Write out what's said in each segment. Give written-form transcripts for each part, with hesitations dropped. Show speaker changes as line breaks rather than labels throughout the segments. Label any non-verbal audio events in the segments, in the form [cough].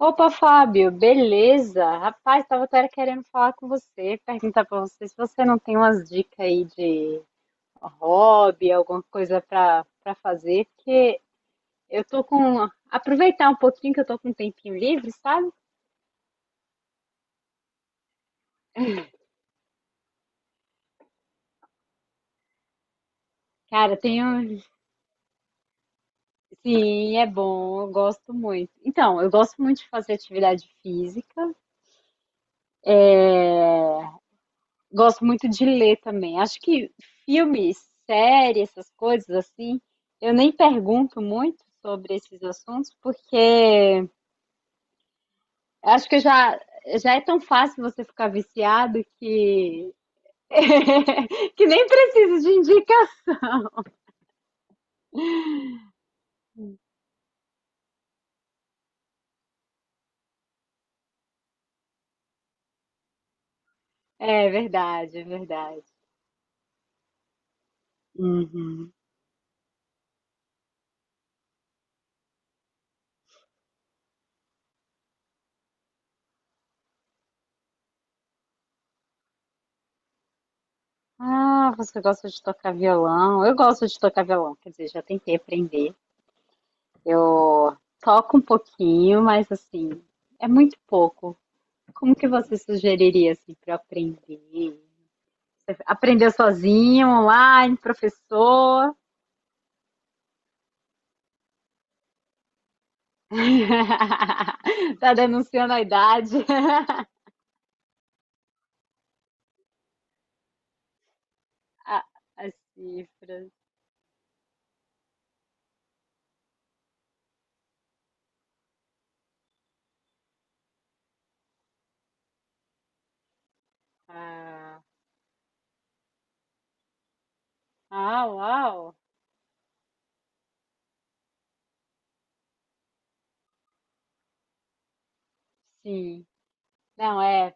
Opa, Fábio, beleza? Rapaz, tava até querendo falar com você, perguntar pra você se você não tem umas dicas aí de hobby, alguma coisa pra para fazer, porque eu tô com aproveitar um pouquinho que eu tô com um tempinho livre, sabe? Cara, tenho, sim, é bom, eu gosto muito. Então, eu gosto muito de fazer atividade física. Gosto muito de ler também. Acho que filmes, séries, essas coisas assim, eu nem pergunto muito sobre esses assuntos, porque acho que já é tão fácil você ficar viciado que, [laughs] que nem preciso de indicação. É verdade, é verdade. Uhum. Ah, você gosta de tocar violão? Eu gosto de tocar violão, quer dizer, já tentei aprender. Eu toco um pouquinho, mas assim, é muito pouco. Como que você sugeriria assim para aprender? Você aprendeu sozinho, online, professor? [laughs] Tá denunciando a idade, [laughs] Ah, as cifras. Ah, ah, uau! Sim. Não, é,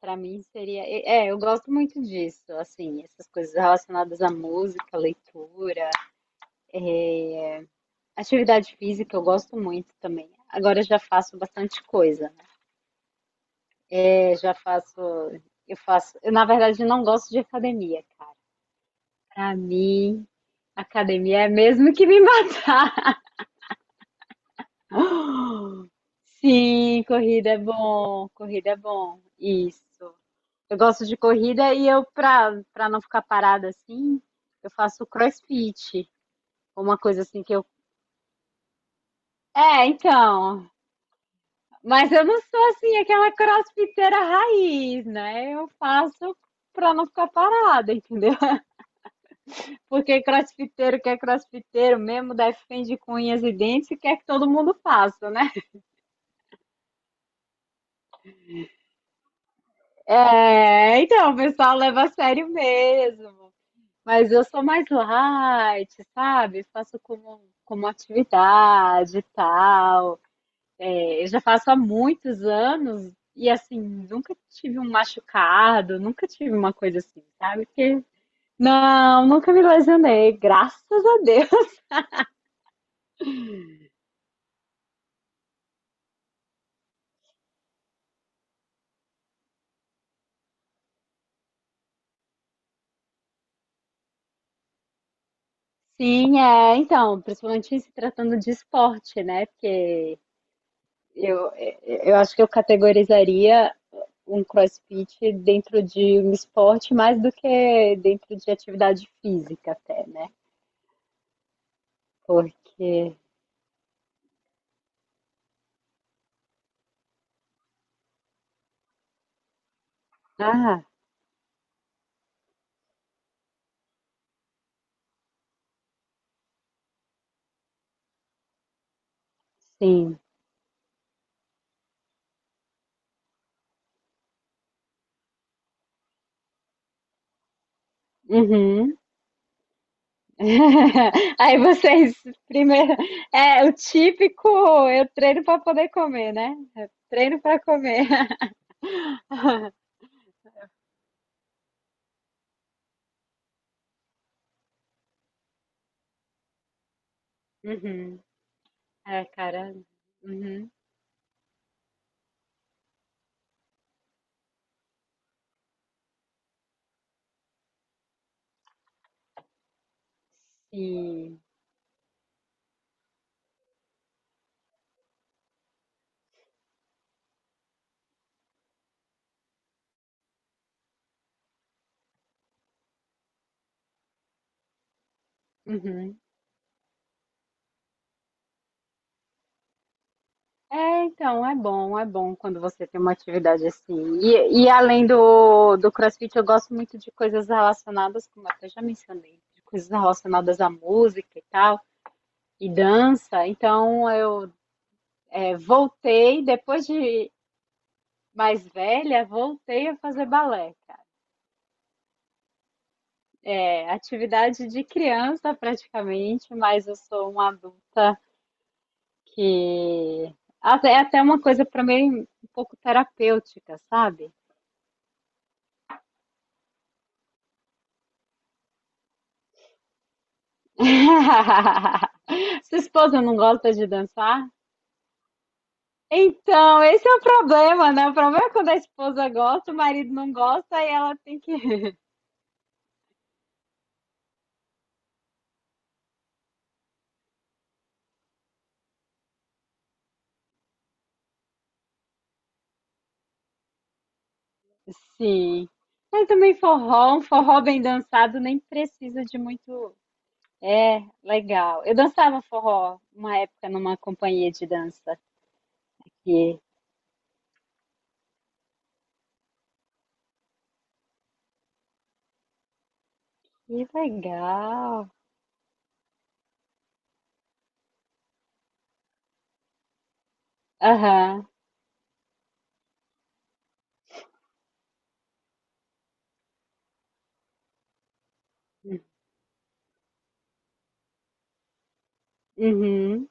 para mim seria, é, eu gosto muito disso, assim, essas coisas relacionadas à música, leitura, atividade física, eu gosto muito também. Agora eu já faço bastante coisa. Eu já faço, eu na verdade não gosto de academia, cara. Pra mim, academia é mesmo que me [laughs] matar. [gasps] Sim, corrida é bom, corrida é bom. Isso. Eu gosto de corrida e eu, pra não ficar parada assim, eu faço crossfit. Uma coisa assim que eu. É, então. Mas eu não sou assim, aquela crossfiteira raiz, né? Eu faço pra não ficar parada, entendeu? Porque crossfiteiro que é crossfiteiro mesmo, defende com unhas e dentes e quer que todo mundo faça, né? É, então, o pessoal leva a sério mesmo. Mas eu sou mais light, sabe? Faço como, como atividade e tal. É, eu já faço há muitos anos e, assim, nunca tive um machucado, nunca tive uma coisa assim, sabe? Porque, não, nunca me lesionei, graças a Deus. Sim, é, então, principalmente se tratando de esporte, né? Porque eu, eu acho que eu categorizaria um CrossFit dentro de um esporte mais do que dentro de atividade física até, né? Porque, ah, sim. Uhum. [laughs] Aí vocês, primeiro, é o típico, eu treino para poder comer, né? Eu treino para comer. [laughs] Uhum. É, cara. Uhum. Sim. Uhum. É, então, é bom quando você tem uma atividade assim. E além do CrossFit, eu gosto muito de coisas relacionadas, como eu até já mencionei, de coisas relacionadas à música e tal, e dança. Então, eu é, voltei, depois de mais velha, voltei a fazer balé, cara. É atividade de criança praticamente, mas eu sou uma adulta que. Até- é até uma coisa para mim um pouco terapêutica, sabe? [laughs] Sua esposa não gosta de dançar? Então, esse é o problema, né? O problema é quando a esposa gosta, o marido não gosta e ela tem que. [laughs] Sim. Mas também forró, um forró bem dançado nem precisa de muito. É, legal. Eu dançava forró uma época numa companhia de dança. Que, que legal. Aham. Uhum.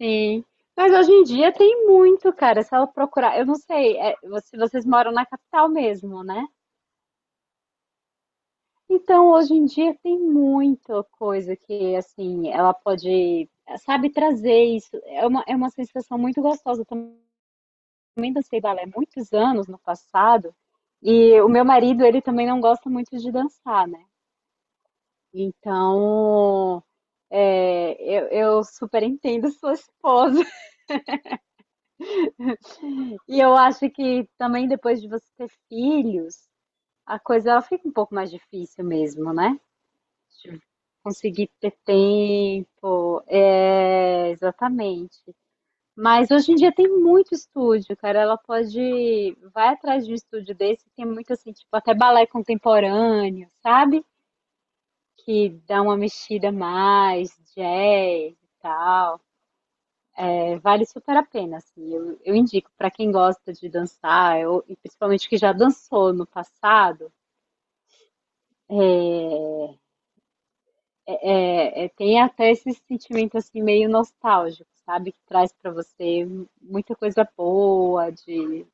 Sim. Mas hoje em dia tem muito, cara. Se ela procurar, eu não sei, é, vo- se vocês moram na capital mesmo, né? Então hoje em dia tem muita coisa que, assim, ela pode, sabe, trazer isso. É uma sensação muito gostosa. Eu também dancei balé muitos anos no passado. E o meu marido, ele também não gosta muito de dançar, né? Então, é, eu super entendo sua esposa. E eu acho que também depois de você ter filhos, a coisa ela fica um pouco mais difícil mesmo, né? De conseguir ter tempo, é, exatamente. Mas hoje em dia tem muito estúdio, cara. Ela pode. Vai atrás de um estúdio desse, tem muito assim, tipo, até balé contemporâneo, sabe? Que dá uma mexida mais, jazz e tal. É, vale super a pena, assim. Eu indico para quem gosta de dançar, eu, e principalmente que já dançou no passado. É, é, tem até esse sentimento assim meio nostálgico, sabe? Que traz pra você muita coisa boa de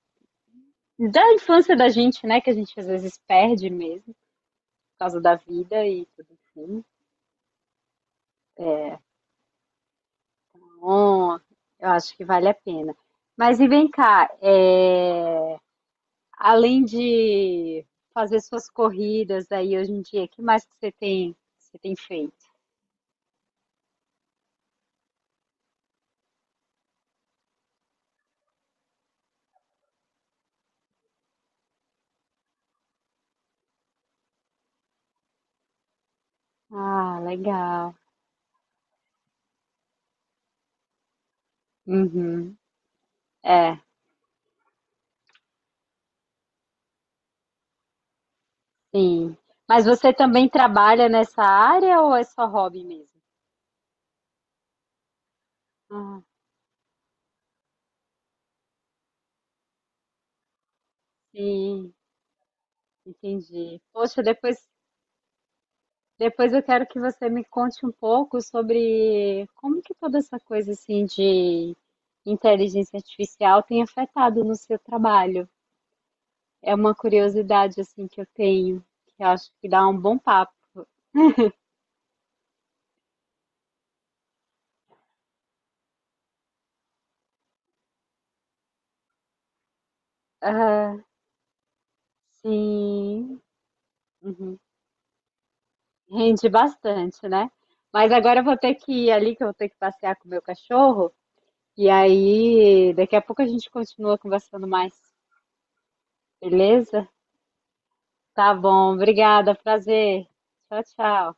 da infância da gente, né? Que a gente às vezes perde mesmo por causa da vida e tudo assim. Então, eu acho que vale a pena. Mas e vem cá, é, além de fazer suas corridas aí hoje em dia, o que mais que você tem feito? Ah, legal. Uhum. É. Sim. Mas você também trabalha nessa área ou é só hobby mesmo? Ah, sim, entendi. Poxa, depois eu quero que você me conte um pouco sobre como que toda essa coisa assim de inteligência artificial tem afetado no seu trabalho. É uma curiosidade assim que eu tenho, que eu acho que dá um bom papo. Ah, sim, uhum. Rende bastante, né? Mas agora eu vou ter que ir ali, que eu vou ter que passear com o meu cachorro. E aí, daqui a pouco a gente continua conversando mais, beleza? Tá bom, obrigada, prazer. Tchau, tchau.